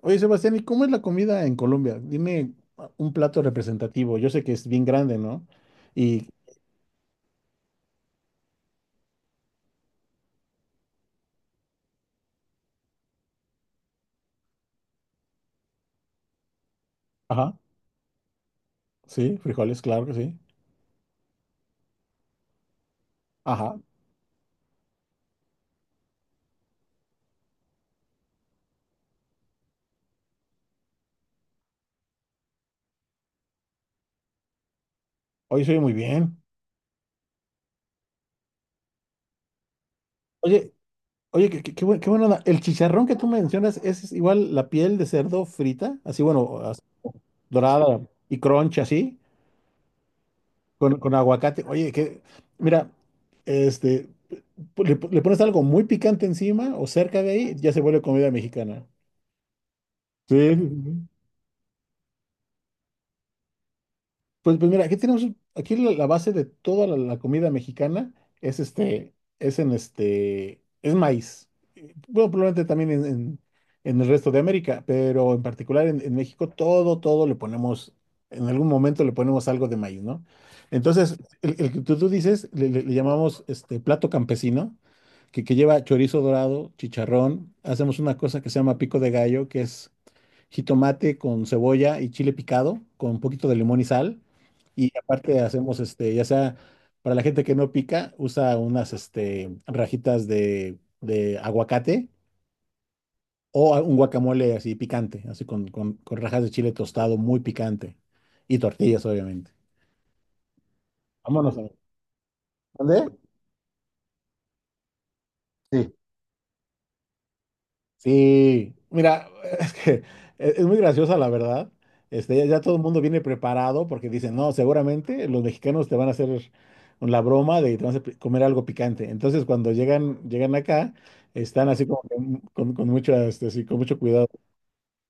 Oye, Sebastián, ¿y cómo es la comida en Colombia? Dime un plato representativo. Yo sé que es bien grande, ¿no? Y, ajá, sí, frijoles, claro que sí. Ajá, oye, soy muy bien. Oye, oye, qué buena onda. El chicharrón que tú mencionas es igual la piel de cerdo frita, así, bueno, así, dorada y crunch, así, con aguacate. Mira, este, le pones algo muy picante encima o cerca de ahí, ya se vuelve comida mexicana. Sí. Pues mira, aquí la base de toda la comida mexicana es este, es en este, es maíz. Bueno, probablemente también en el resto de América, pero en particular en México todo le ponemos, en algún momento le ponemos algo de maíz, ¿no? Entonces, el que tú dices, le llamamos este plato campesino, que lleva chorizo dorado, chicharrón, hacemos una cosa que se llama pico de gallo, que es jitomate con cebolla y chile picado, con un poquito de limón y sal. Y aparte hacemos, ya sea para la gente que no pica, usa unas, rajitas de aguacate o un guacamole así picante, así con rajas de chile tostado muy picante. Y tortillas, obviamente. Vámonos a ver. ¿Dónde? Sí. Sí, mira, es que es muy graciosa la verdad. Ya todo el mundo viene preparado porque dicen, no, seguramente los mexicanos te van a hacer la broma de que te vas a comer algo picante. Entonces, cuando llegan acá, están así como que con mucho, sí, con mucho cuidado.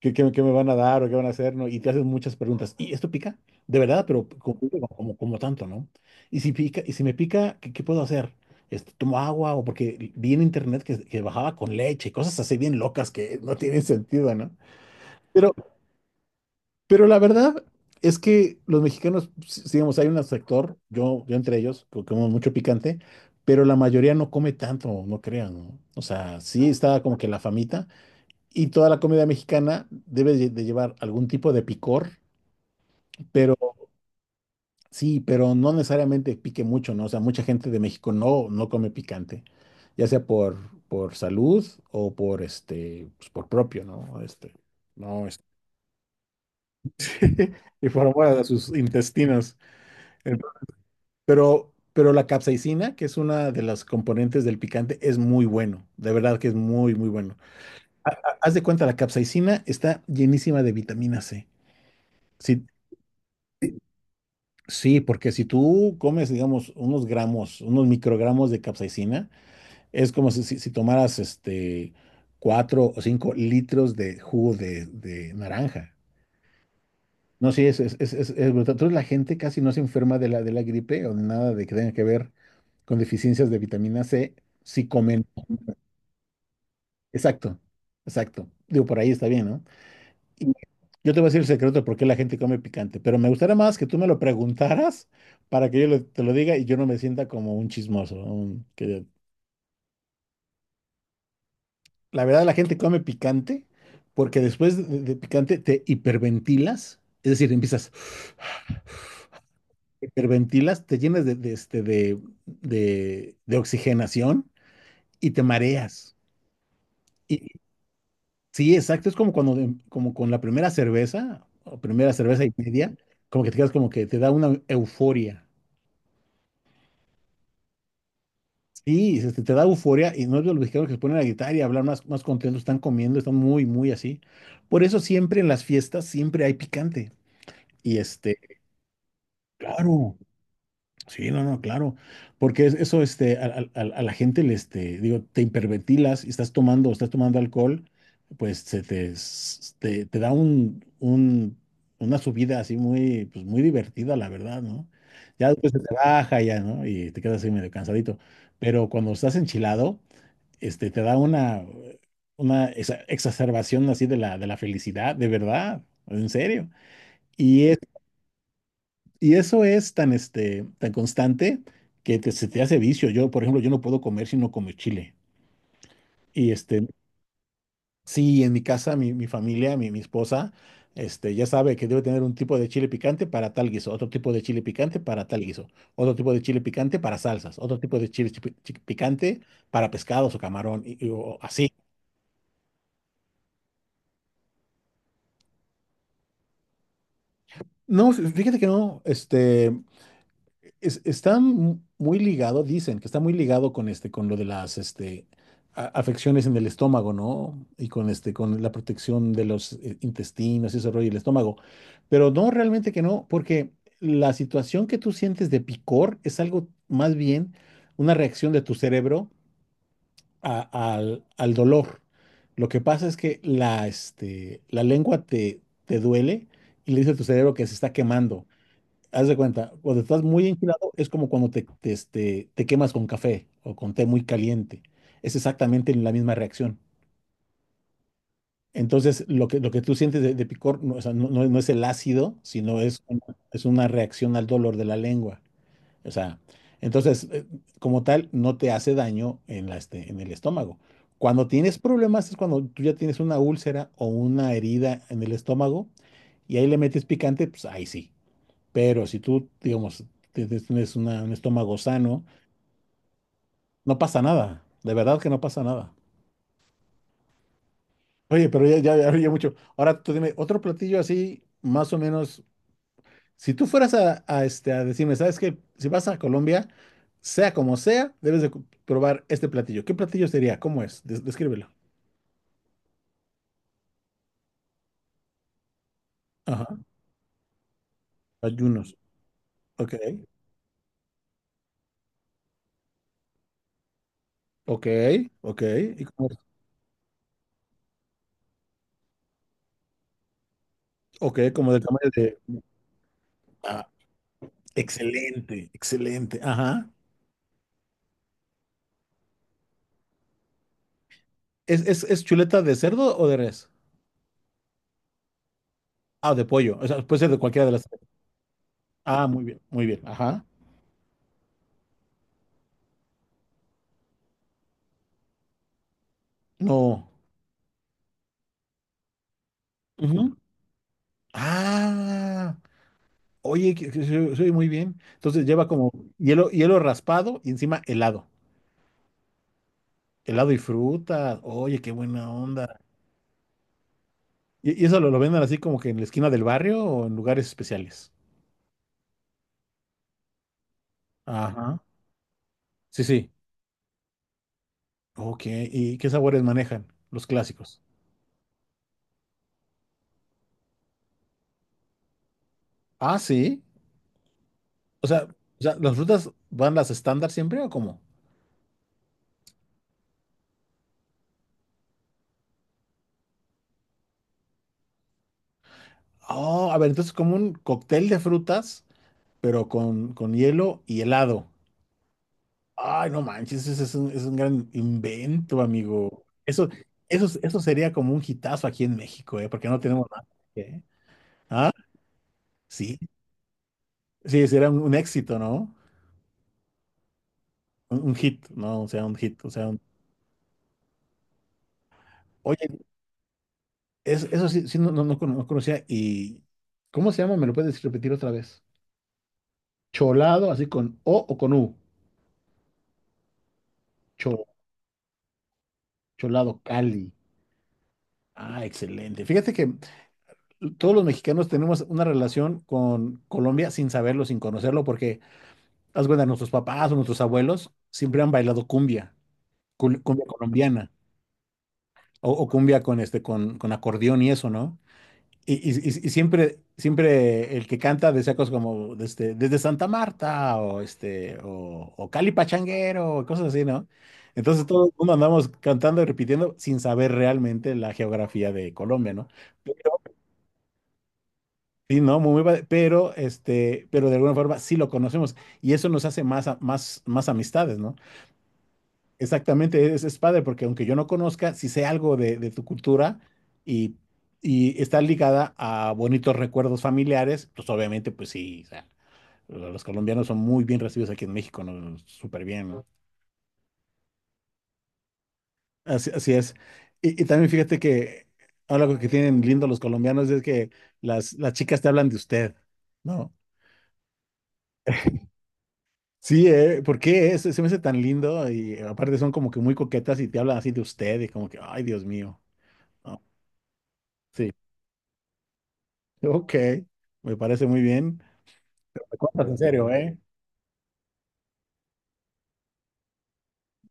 ¿Qué, qué, qué me van a dar o qué van a hacer, no? Y te haces muchas preguntas. ¿Y esto pica? De verdad, pero como tanto, ¿no? Y si pica, y si me pica, ¿qué, qué puedo hacer? ¿Tomo agua? O porque vi en internet que bajaba con leche, cosas así bien locas que no tienen sentido, ¿no? Pero, pero la verdad es que los mexicanos, digamos, hay un sector, yo entre ellos, que como mucho picante, pero la mayoría no come tanto, no crean, ¿no? O sea, sí está como que la famita, y toda la comida mexicana debe lle- de llevar algún tipo de picor, pero sí, pero no necesariamente pique mucho, ¿no? O sea, mucha gente de México no come picante, ya sea por salud o por pues, por propio, ¿no? No, este, y por amor a sus intestinos. Entonces, pero la capsaicina, que es una de las componentes del picante, es muy bueno, de verdad que es muy, muy bueno. Ha- ha- Haz de cuenta, la capsaicina está llenísima de vitamina C. Si, sí, porque si tú comes, digamos, unos gramos, unos microgramos de capsaicina, es como si tomaras cuatro o cinco litros de jugo de naranja. No, sí, es brutal. Entonces la gente casi no se enferma de de la gripe o de nada de que tenga que ver con deficiencias de vitamina C si comen. Exacto, exacto. Digo, por ahí está bien, ¿no? Y yo te voy a decir el secreto de por qué la gente come picante, pero me gustaría más que tú me lo preguntaras para que yo te lo diga y yo no me sienta como un chismoso. La verdad, la gente come picante porque después de picante te hiperventilas, es decir, empiezas, hiperventilas, te llenas de este, de oxigenación y te mareas. Y, sí, exacto, es como cuando, como con la primera cerveza o primera cerveza y media, como que te quedas como que te da una euforia. Sí, te da euforia y no es de los mexicanos que se ponen a gritar y hablar más, más contentos, están comiendo, están muy, muy así. Por eso siempre en las fiestas siempre hay picante. Y claro, sí, no, no, claro. Porque eso, a la gente le, digo, te hiperventilas y estás tomando alcohol, pues se te, s- te da una subida así muy, pues muy divertida, la verdad, ¿no? Ya después se te baja ya, ¿no? Y te quedas así medio cansadito. Pero cuando estás enchilado te da una exacerbación así de de la felicidad, de verdad, en serio. Y, es, y eso es tan, tan constante que se te hace vicio. Yo, por ejemplo, yo no puedo comer si no como chile. Y sí, en mi casa, mi familia, mi esposa, ya sabe que debe tener un tipo de chile picante para tal guiso, otro tipo de chile picante para tal guiso, otro tipo de chile picante para salsas, otro tipo de picante para pescados o camarón, o así. No, fíjate que no, está muy ligado, dicen que está muy ligado con con lo de las, afecciones en el estómago, ¿no? Y con con la protección de los intestinos y ese rollo, y el estómago. Pero no, realmente que no, porque la situación que tú sientes de picor es algo más bien una reacción de tu cerebro al, al dolor. Lo que pasa es que la, la lengua te duele y le dice a tu cerebro que se está quemando. Haz de cuenta, cuando estás muy enchilado es como cuando te quemas con café o con té muy caliente. Es exactamente la misma reacción. Entonces, lo que tú sientes de picor no, o sea, no es el ácido, sino es una reacción al dolor de la lengua. O sea, entonces, como tal, no te hace daño en la, en el estómago. Cuando tienes problemas es cuando tú ya tienes una úlcera o una herida en el estómago y ahí le metes picante, pues ahí sí. Pero si tú, digamos, tienes un estómago sano, no pasa nada. De verdad que no pasa nada. Oye, pero ya, ya, ya, ya mucho. Ahora tú dime, otro platillo así, más o menos. Si tú fueras a decirme, ¿sabes qué? Si vas a Colombia, sea como sea, debes de probar este platillo. ¿Qué platillo sería? ¿Cómo es? Descríbelo. Ajá. Ayunos. Ok. Ok. Ok. ¿Y cómo es? Ok, como del tamaño de. Ah, excelente, excelente. Ajá. Es chuleta de cerdo o de res? Ah, de pollo. O sea, puede ser de cualquiera de las tres. Ah, muy bien, muy bien. Ajá. No. Ujú. Ah, oye, que se oye muy bien. Entonces lleva como hielo, hielo raspado y encima helado. Helado y fruta. Oye, qué buena onda. Y eso lo venden así como que en la esquina del barrio o en lugares especiales? Ajá. Sí, sí. Ok. ¿Y qué sabores manejan? Los clásicos. Ah, sí. O sea, ¿las frutas van las estándar siempre o cómo? Oh, a ver, entonces como un cóctel de frutas, pero con hielo y helado. Ay, no manches, ese es es un gran invento, amigo. Eso sería como un hitazo aquí en México, ¿eh? Porque no tenemos nada. ¿Eh? Sí, sí, sería un éxito, ¿no? Un hit, ¿no? O sea, un hit, o sea, Oye, eso sí, sí, no, no, no conocía. ¿Y cómo se llama? ¿Me lo puedes repetir otra vez? Cholado, así con O o con U. Cho- Cholado Cali. Ah, excelente. Fíjate que todos los mexicanos tenemos una relación con Colombia sin saberlo, sin conocerlo, porque, haz cuenta, nuestros papás o nuestros abuelos siempre han bailado cumbia, cumbia colombiana, o cumbia con, con acordeón y eso, ¿no? Y siempre, siempre el que canta decía cosas como desde Santa Marta o Cali Pachanguero, cosas así, ¿no? Entonces todo el mundo andamos cantando y repitiendo sin saber realmente la geografía de Colombia, ¿no? Sí, no, muy, muy padre, pero pero de alguna forma sí lo conocemos y eso nos hace más, más, más amistades, ¿no? Exactamente, es padre porque aunque yo no conozca, sí sé algo de tu cultura y, y está ligada a bonitos recuerdos familiares, pues obviamente, pues sí, o sea, los colombianos son muy bien recibidos aquí en México, ¿no? Súper bien, ¿no? Así, así es. Y también fíjate que algo que tienen lindo los colombianos es que las chicas te hablan de usted, ¿no? Sí, ¿por qué es? Se me hace tan lindo y aparte son como que muy coquetas y te hablan así de usted y como que, ay, Dios mío. No, sí, ok, me parece muy bien. Me cuentas en serio, ¿eh?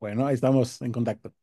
Bueno, ahí estamos en contacto.